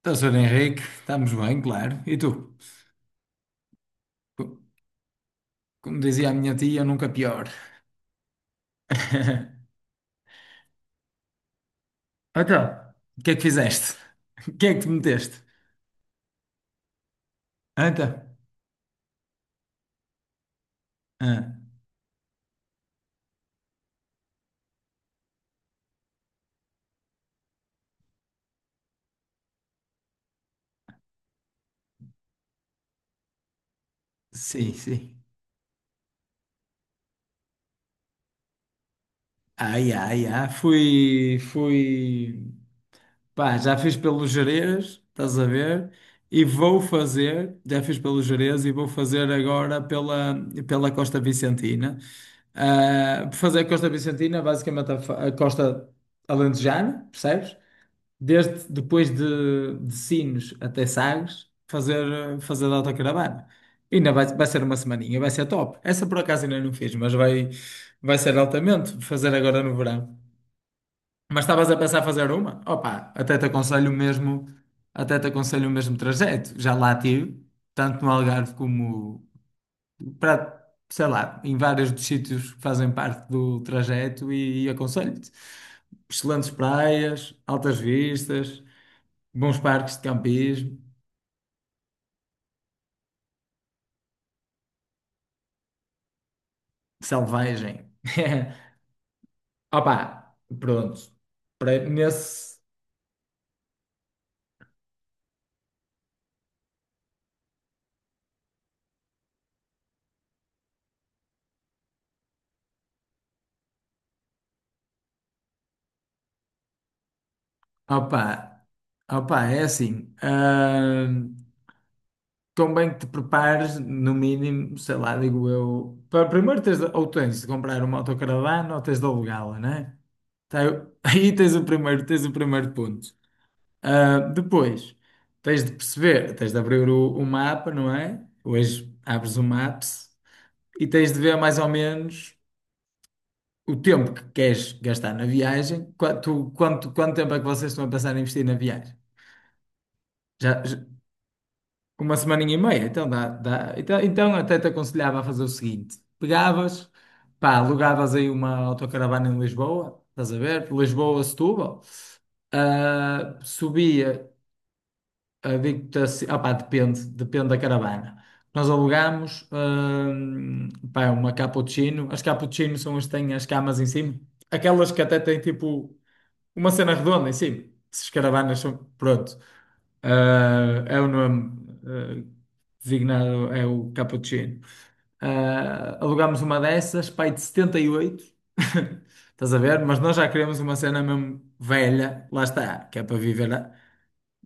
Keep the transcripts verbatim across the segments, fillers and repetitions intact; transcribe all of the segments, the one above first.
Então, senhor Henrique, estamos bem, claro. E tu? Co- Como dizia a minha tia, nunca pior. Então, o que é que fizeste? O que é que te meteste? Então, ah, sim, sim. Ai, ai, ai, fui, fui, pá, já fiz pelos Gerês, estás a ver? E vou fazer, já fiz pelos Gerês e vou fazer agora pela, pela Costa Vicentina. Ah, fazer a Costa Vicentina, basicamente a, fa- a Costa Alentejana, percebes? Desde depois de, de Sines até Sagres, fazer, fazer de autocaravana. Ainda vai, vai ser uma semaninha, vai ser top. Essa por acaso ainda não fiz, mas vai, vai ser altamente fazer agora no verão. Mas estavas a pensar fazer uma? Opa, até te aconselho o mesmo, até te aconselho o mesmo trajeto. Já lá tive, tanto no Algarve como para, sei lá, em vários dos sítios que fazem parte do trajeto e, e aconselho-te. Excelentes praias, altas vistas, bons parques de campismo, selvagem. Opa, pronto. Para, nesse. Opa, opa, é assim. Hum, convém que te prepares, no mínimo, sei lá, digo eu. Para, primeiro tens de, ou tens de comprar uma autocaravana ou tens de alugá-la, né? Tá, eu- aí tens o primeiro, tens o primeiro ponto. Ah, depois, tens de perceber, tens de abrir o, o mapa, não é? Hoje abres o Maps e tens de ver mais ou menos o tempo que queres gastar na viagem. Qua- tu- quanto, quanto tempo é que vocês estão a pensar em investir na viagem? Já, já- uma semaninha e meia, então dá, dá. Então, então até te aconselhava a fazer o seguinte: pegavas, pá, alugavas aí uma autocaravana em Lisboa, estás a ver? Lisboa, Setúbal. Ah, subia. Ah, digo-te assim, ah, pá, depende, depende da caravana. Nós alugámos, hum, pá, uma cappuccino. As cappuccinos são as que têm as camas em cima. Aquelas que até têm tipo uma cena redonda em cima. Se escaravanas são. Pronto. Ah, é o nome ah, designado, é o cappuccino. Ah, alugámos uma dessas, pai de setenta e oito. Estás a ver? Mas nós já queremos uma cena mesmo velha, lá está, que é para viver. a-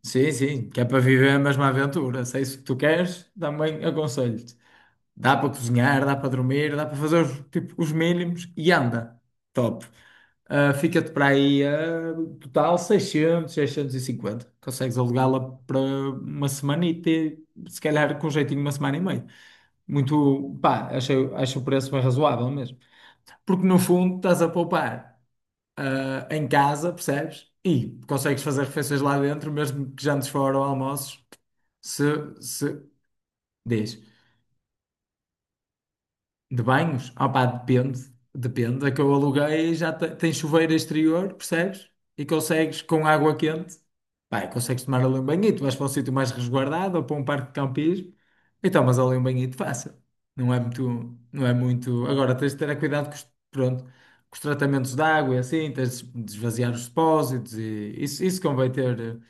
Sim, sim, que é para viver a mesma aventura. Se é isso que tu queres, também aconselho-te. Dá para cozinhar, dá para dormir, dá para fazer os, tipo, os mínimos e anda. Top. Ah, fica-te para aí, ah, total seiscentos, seiscentos e cinquenta. Consegues alugá-la para uma semana e ter, se calhar, com jeitinho, uma semana e meia. Muito, pá, acho, acho o preço bem razoável mesmo. Porque no fundo estás a poupar, ah, em casa, percebes? E consegues fazer refeições lá dentro, mesmo que jantes fora ou almoços, se, se, diz. De banhos? Ah pá, depende. Depende. A que eu aluguei já te- tem chuveiro exterior, percebes? E consegues com água quente. Pá, e consegues tomar ali um banhito. Vais para um sítio mais resguardado ou para um parque de campismo e tomas ali um banhito fácil. Não é muito. Não é muito. Agora tens de ter cuidado com os, pronto, com os tratamentos de água e assim. Tens de esvaziar os depósitos e isso, isso convém ter.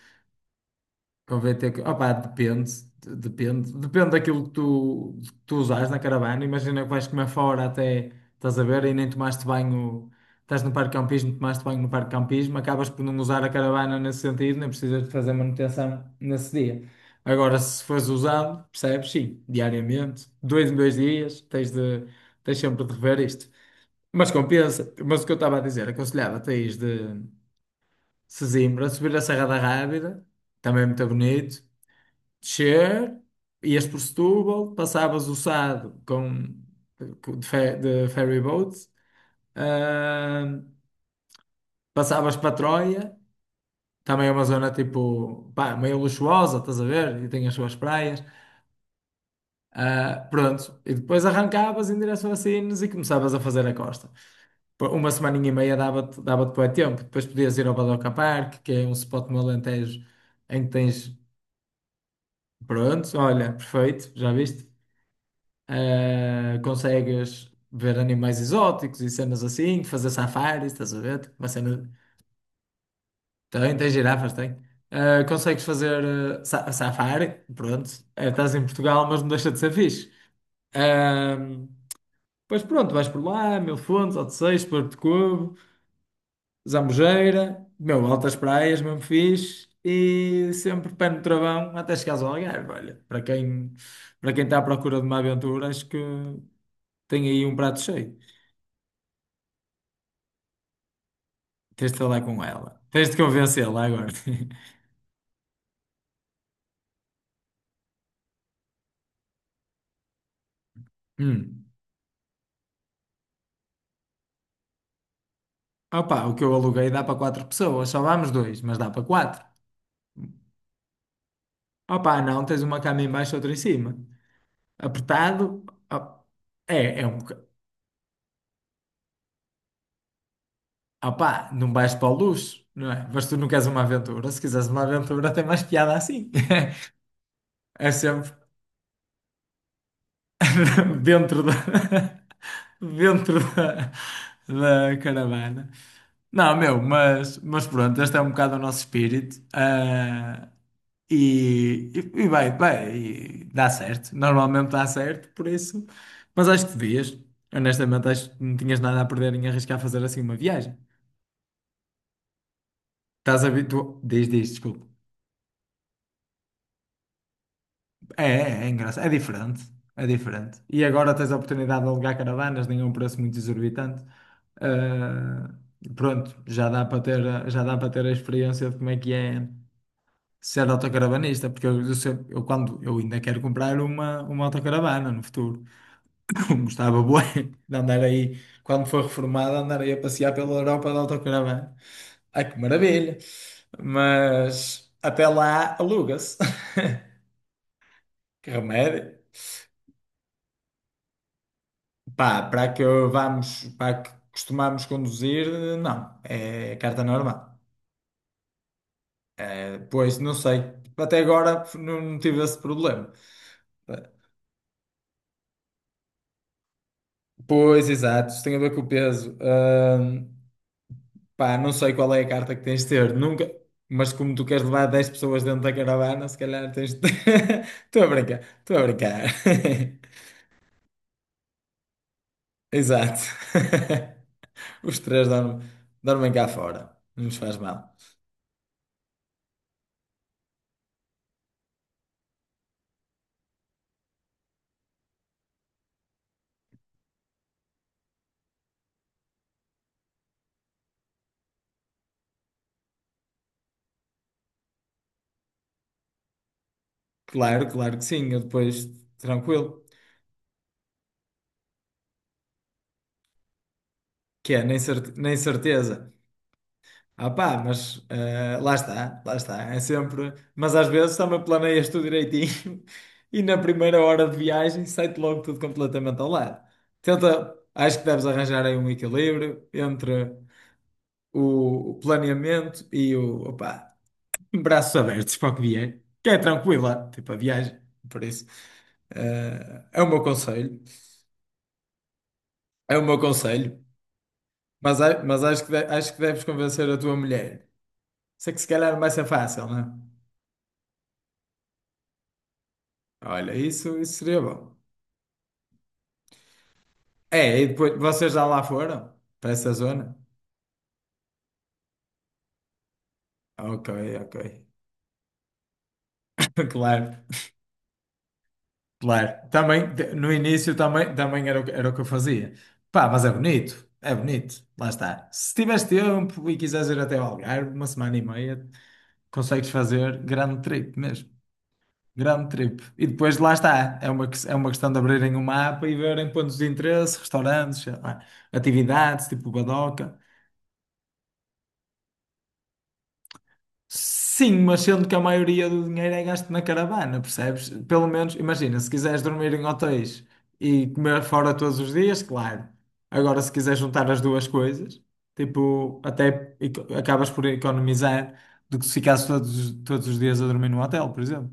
Convém ter que. Opá, depende, de- depende. Depende daquilo que tu, que tu usares na caravana. Imagina que vais comer fora até estás a ver e nem tomaste banho. Estás no parque de campismo, tomaste banho no parque de campismo, acabas por não usar a caravana nesse sentido, nem precisas de fazer manutenção nesse dia. Agora, se fores usado, percebes? Sim, diariamente, dois em dois dias, tens de, tens sempre de rever isto. Mas compensa. Mas o que eu estava a dizer, aconselhava-te a ir de Sesimbra, subir a Serra da Rábida, também é muito bonito descer, ias por Setúbal, passavas o Sado com, com- de, fe- de ferry boat, ah, passavas para Troia, também é uma zona tipo, pá, meio luxuosa, estás a ver? E tem as suas praias. Ah, pronto, e depois arrancavas em direção a Sines e começavas a fazer a costa. Por uma semaninha e meia dava-te dava-te bué tempo. Depois podias ir ao Badoca Park, que é um spot no Alentejo em que tens. Pronto, olha, perfeito, já viste? Uh, consegues ver animais exóticos e cenas assim, fazer safaris, estás a ver? Uma cena. Tem, tem girafas, tem. Uh, consegues fazer uh, sa- safari, pronto. Uh, estás em Portugal, mas não deixa de ser fixe. Ahm, pois pronto, vais por lá, Mil Fontes, Odeceias, Porto de Covo, Zambujeira, meu, altas praias, mesmo fixe, e sempre pé no travão até chegares ao Algarve. Olha, para quem, para quem está à procura de uma aventura, acho que tem aí um prato cheio. Tens de falar com ela. Tens de convencê-la agora. Hum. Opa, o que eu aluguei dá para quatro pessoas, só vamos dois, mas dá para quatro. Opa, não, tens uma cama em baixo, outra em cima. Apertado, op- é, é um boca-. Opa, não vais para o luxo, não é? Mas tu não queres uma aventura. Se quiseres uma aventura, tem mais piada assim. É sempre dentro da, dentro da, da caravana. Não, meu, mas, mas pronto, este é um bocado o nosso espírito. Ah, E, e, e vai, vai, e dá certo. Normalmente dá certo, por isso. Mas acho que devias. Honestamente, acho que não tinhas nada a perder em arriscar fazer assim uma viagem. Estás habituado. Diz, diz, desculpa. É, é, é engraçado. É diferente. É diferente. E agora tens a oportunidade de alugar caravanas, nem a um preço muito exorbitante. Ah, pronto, já dá para ter, a- já dá para ter a experiência de como é que é ser autocaravanista, porque eu, eu sempre- eu quando eu ainda quero comprar uma, uma autocaravana no futuro. Gostava bué de andar aí, quando for reformado, andar aí a passear pela Europa de autocaravana. Ai, que maravilha! Mas até lá aluga-se. Que remédio. Pá, para que vamos, para que costumamos conduzir, não. É carta normal. É, pois, não sei. Até agora não tive esse problema. Pois, exato. Isso tem a ver com o peso. Pá, não sei qual é a carta que tens de ter, nunca, mas como tu queres levar dez pessoas dentro da caravana, se calhar tens de. Estou a brincar, estou a brincar. Exato. Os três dormem, dormem cá fora, não nos faz mal. Claro, claro que sim, eu depois, tranquilo, que é, nem, cer- nem certeza. Ah pá, mas eh, lá está, lá está, é sempre. Mas às vezes também planeias tudo direitinho e na primeira hora de viagem sai-te logo tudo completamente ao lado. Tenta, acho que deves arranjar aí um equilíbrio entre o o planeamento e o, opá, braços abertos para o que vier, que é tranquila, tipo a viagem, por isso. eh, é o meu conselho, é o meu conselho, mas, a- mas acho que, de- acho que deves convencer a tua mulher. Sei que se calhar não vai ser fácil, não é? Olha, isso, isso seria bom. É, e depois vocês já lá foram? Para essa zona? Ok, ok. Claro, claro. Também, de- no início também, também era, o que- era o que eu fazia. Pá, mas é bonito, é bonito. Lá está. Se tiveres tempo e quiseres ir até ao Algarve, uma semana e meia, consegues fazer grande trip mesmo. Grande trip. E depois lá está. É uma, que- é uma questão de abrirem o mapa e verem pontos de interesse, restaurantes, sei lá, atividades, tipo Badoca. Sim, mas sendo que a maioria do dinheiro é gasto na caravana, percebes? Pelo menos, imagina, se quiseres dormir em hotéis e comer fora todos os dias, claro. Agora, se quiseres juntar as duas coisas, tipo, até eco- acabas por economizar do que se ficasses todos, os- todos os dias a dormir num hotel, por exemplo.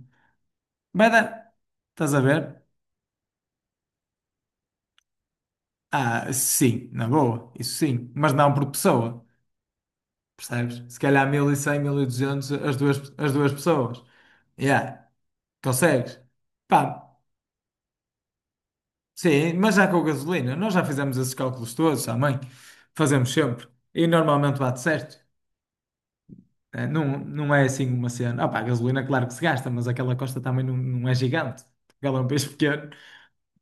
Mas, dá- estás a ver? Ah, sim, na boa, isso sim, mas não por pessoa, percebes? Se calhar mil e cem, mil e duzentos as duas, as duas pessoas. Yeah, consegues. Pá, sim, mas já com gasolina. Nós já fizemos esses cálculos todos, à mãe. Fazemos sempre. E normalmente bate certo. É, não, não é assim uma cena. Ah, pá, a gasolina, claro que se gasta, mas aquela costa também não, não é gigante. Portugal é um país pequeno.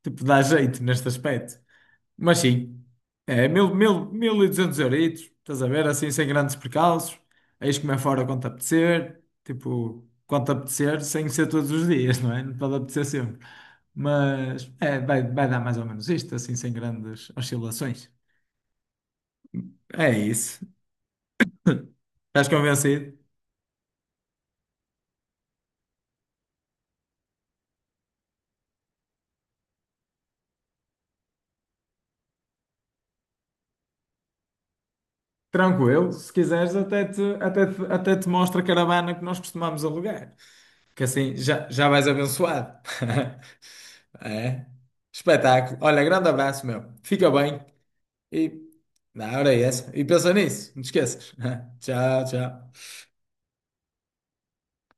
Tipo, dá jeito neste aspecto. Mas sim, é mil, mil, mil e duzentos euritos, estás a ver? Assim, sem grandes percalços. Eis comer fora quando te apetecer, tipo, quando te apetecer, sem ser todos os dias, não é? Não pode apetecer sempre. Mas é, vai, vai dar mais ou menos isto, assim, sem grandes oscilações. É isso. Estás convencido? Tranquilo, se quiseres, até te, até te, até te mostro a caravana que nós costumamos alugar. Que assim já, já vais abençoado. É. Espetáculo. Olha, grande abraço, meu. Fica bem. E na hora é essa. E pensa nisso, não te esqueças. Tchau, tchau.